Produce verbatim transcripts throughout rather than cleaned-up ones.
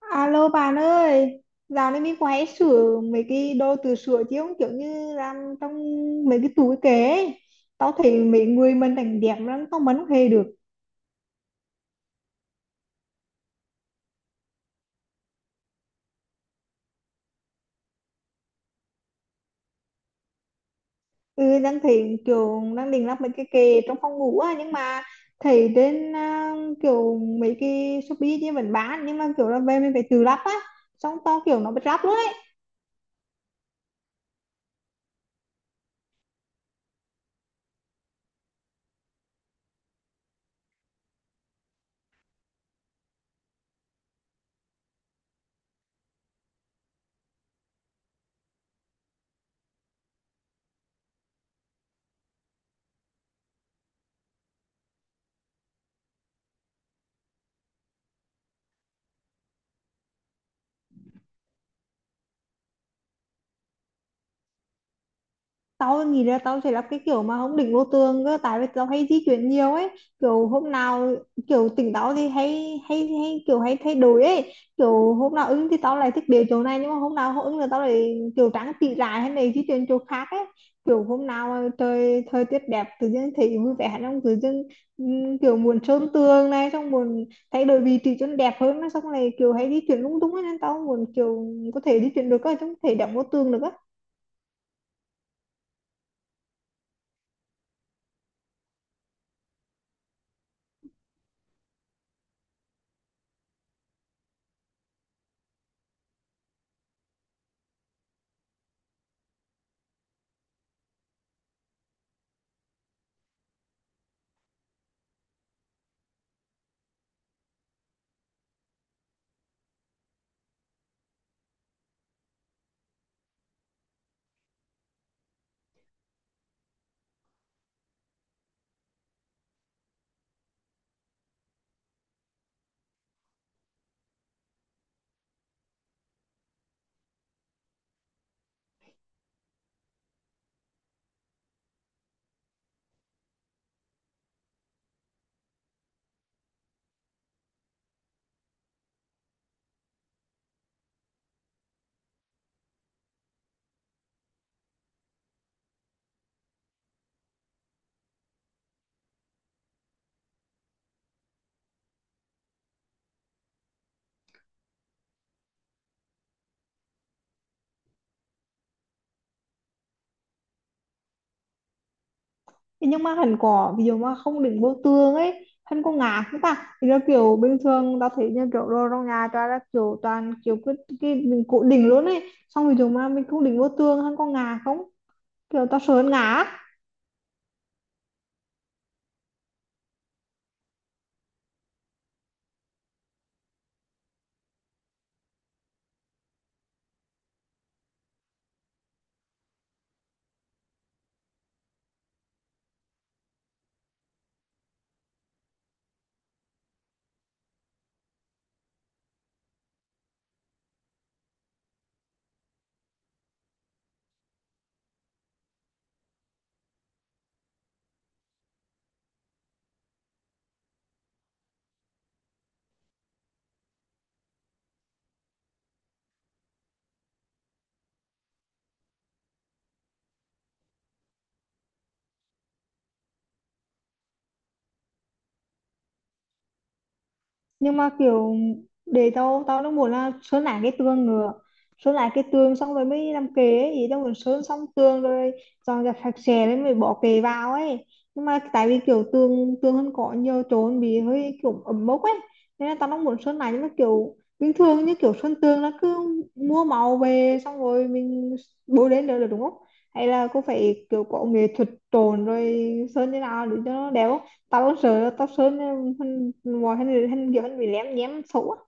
Alo bạn ơi, dạo này mình quay sửa mấy cái đồ từ sửa chứ không kiểu như làm trong mấy cái tủ cái kệ ấy. Tao thấy mấy người mình đánh đẹp lắm, tao mấn không hề được. Ừ, đang thấy kiểu đang định lắp mấy cái kệ trong phòng ngủ á, nhưng mà thấy trên à, kiểu mấy cái Shopee chứ vẫn bán, nhưng mà kiểu là về mình phải tự lắp á. Xong tao kiểu nó bị ráp luôn. Tao nghĩ là tao sẽ là cái kiểu mà không đỉnh vô tường cơ, tại vì tao hay di chuyển nhiều ấy, kiểu hôm nào kiểu tỉnh táo thì hay hay hay kiểu hay thay đổi ấy, kiểu hôm nào ứng thì tao lại thích đến chỗ này, nhưng mà hôm nào không ứng là tao lại kiểu trắng tị lại hay này di chuyển chỗ khác ấy, kiểu hôm nào mà trời thời tiết đẹp tự nhiên thấy vui vẻ trong tự nhiên, ừm, kiểu muốn sơn tường này xong muốn thay đổi vị trí cho nó đẹp hơn, xong này kiểu hay di chuyển lung tung ấy, nên tao muốn kiểu có thể di chuyển được cơ chứ không thể đẹp vô tường được. Thế nhưng mà hắn có, ví dụ mà không đựng vô tường ấy hắn có ngạt không ta? Thì nó kiểu bình thường tao thấy như kiểu đồ trong nhà toàn là kiểu toàn kiểu cái cái mình cố định luôn ấy, xong ví dụ mà mình không đựng vô tường hắn có ngạt không, kiểu tao sợ hắn ngạt. Nhưng mà kiểu để tao tao nó muốn là sơn lại cái tường nữa, sơn lại cái tường xong rồi mới làm kệ ấy, ý tao muốn sơn xong tường rồi dọn dẹp sạch sẽ rồi mới bỏ kệ vào ấy, nhưng mà tại vì kiểu tường tường hơn có nhiều chỗ bị hơi kiểu ẩm mốc ấy, nên là tao nó muốn sơn lại. Nhưng mà kiểu bình thường như kiểu sơn tường nó cứ mua màu về xong rồi mình bôi lên được, được đúng không? Hay là cô phải kiểu có nghệ thuật trộn rồi sơn như nào để cho nó đẹp không? Tao cũng sợ tao sợ nên hắn mọi hắn hắn kiểu hắn bị lém nhém xấu á.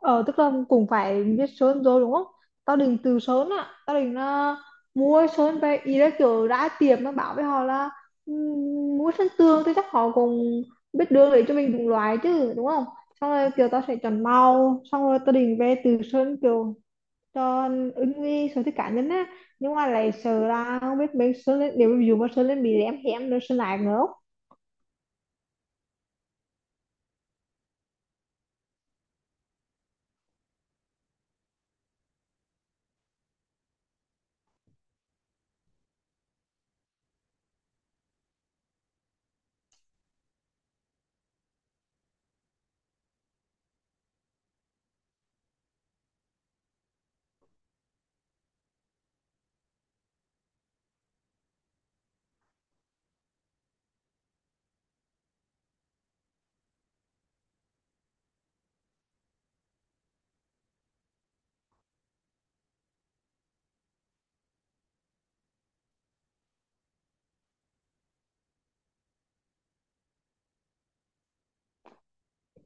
Ờ tức là cũng phải biết sơn rồi đúng không? Tao định từ sơn á, tao định là mua sơn về, ý là kiểu đã tiệm nó bảo với họ là "Ừm, mua sơn tương thì chắc họ cũng biết đường để cho mình đúng loại chứ đúng không", xong rồi kiểu tao sẽ chọn màu xong rồi tao định về từ sơn kiểu cho ứng với sở thích cá nhân á. Nhưng mà lại sợ là không biết mấy sơn lên, nếu ví dụ mà sơn lên bị lém hém nữa sơn lại nữa.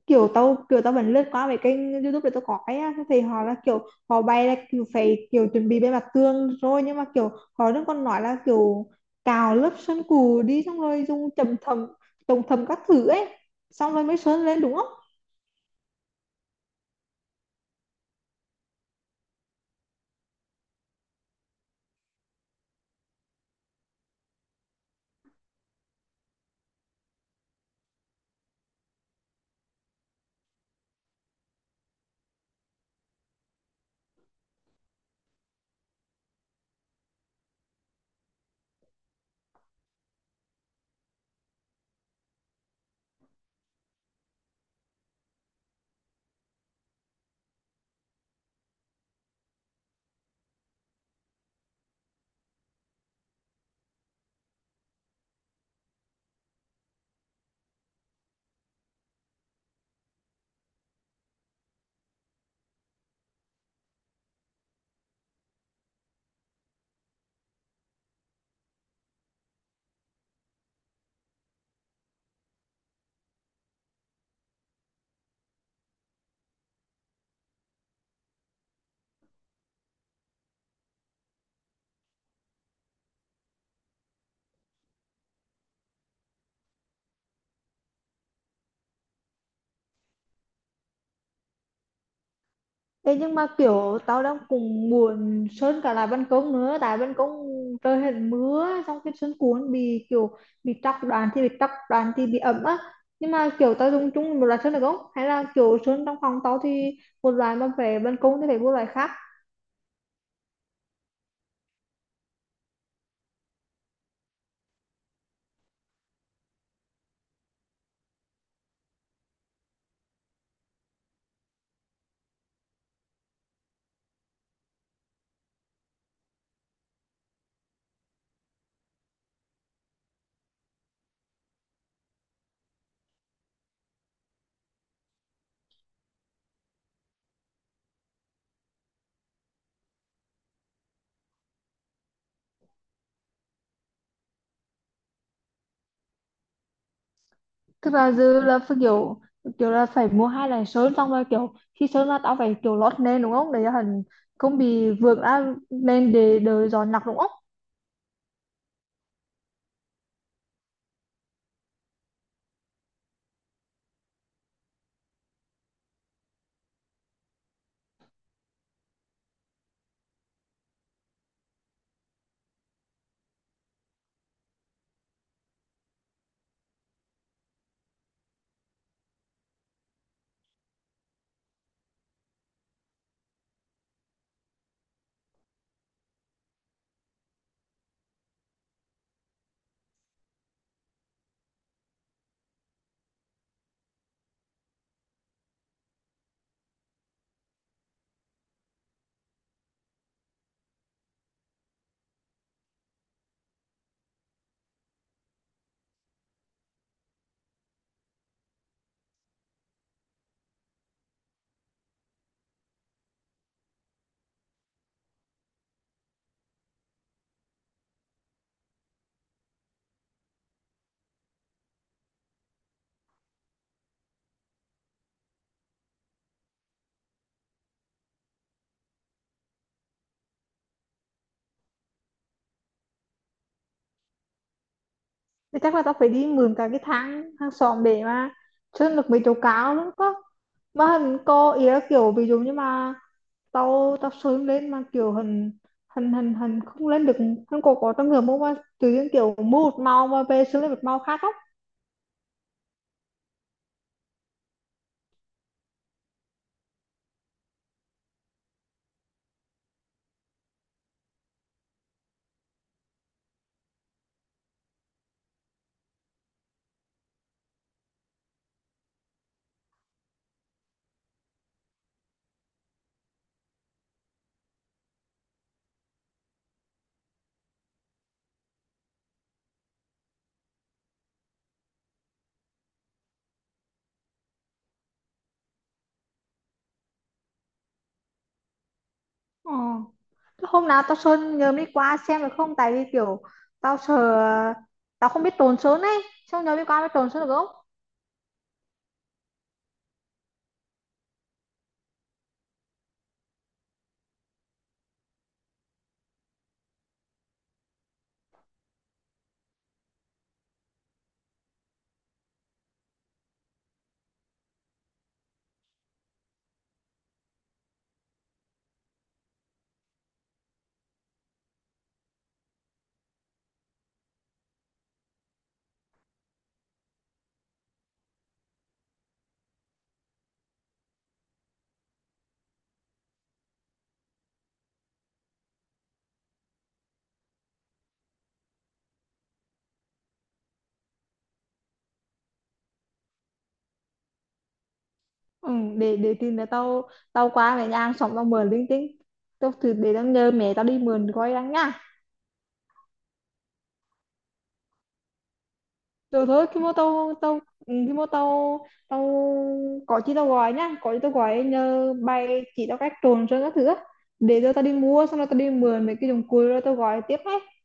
Kiểu tao kiểu tao vẫn lướt qua mấy kênh YouTube để tao có cái á, thì họ là kiểu họ bay là kiểu phải kiểu chuẩn bị bề mặt tường rồi, nhưng mà kiểu họ vẫn còn nói là kiểu cào lớp sơn cù đi xong rồi dùng chầm thầm chồng thầm các thứ ấy xong rồi mới sơn lên đúng không? Thế nhưng mà kiểu tao đang cũng muốn sơn cả lại ban công nữa, tại ban công trời hết mưa xong cái sân cuốn bị kiểu bị tróc đoàn, thì bị tróc đoàn thì bị ẩm á. Nhưng mà kiểu tao dùng chung một loại sơn được không, hay là kiểu sơn trong phòng tao thì một loại mà về ban công thì phải một loại khác? Tức là dư là phải kiểu kiểu là phải mua hai loại sơn, xong rồi kiểu khi sơn là tao phải kiểu lót nền đúng không, để cho hình không bị vượt ra nền để đỡ gió nặng đúng không? Thì chắc là tao phải đi mượn cả cái thang hàng xóm để mà chân được mấy chỗ cao lắm có. Mà hình có ý là kiểu ví dụ như mà tao tao sớm lên mà kiểu hình hình hình hình không lên được, hình có có trong người mua mà tự nhiên kiểu mua một màu mà về sớm lên một màu khác không? Ờ. Thế hôm nào tao sơn nhờ đi qua xem được không, tại vì kiểu tao sợ tao không biết trộn sơn ấy, xong nhờ đi qua mới trộn sơn được không? Ừ, để để tìm là tao tao qua mẹ nhà hàng xóm tao mượn linh tinh, tao thử, để tao nhờ mẹ tao đi mượn coi đang nha. Rồi thôi khi mà tao tao ừ, khi mà tao tao có chi tao gọi nhá, có chi tao gọi nhờ bay chỉ tao cách trộn sơn các thứ á. Để rồi tao đi mua xong rồi tao đi mượn mấy cái dụng cụ rồi tao gọi tiếp nhé.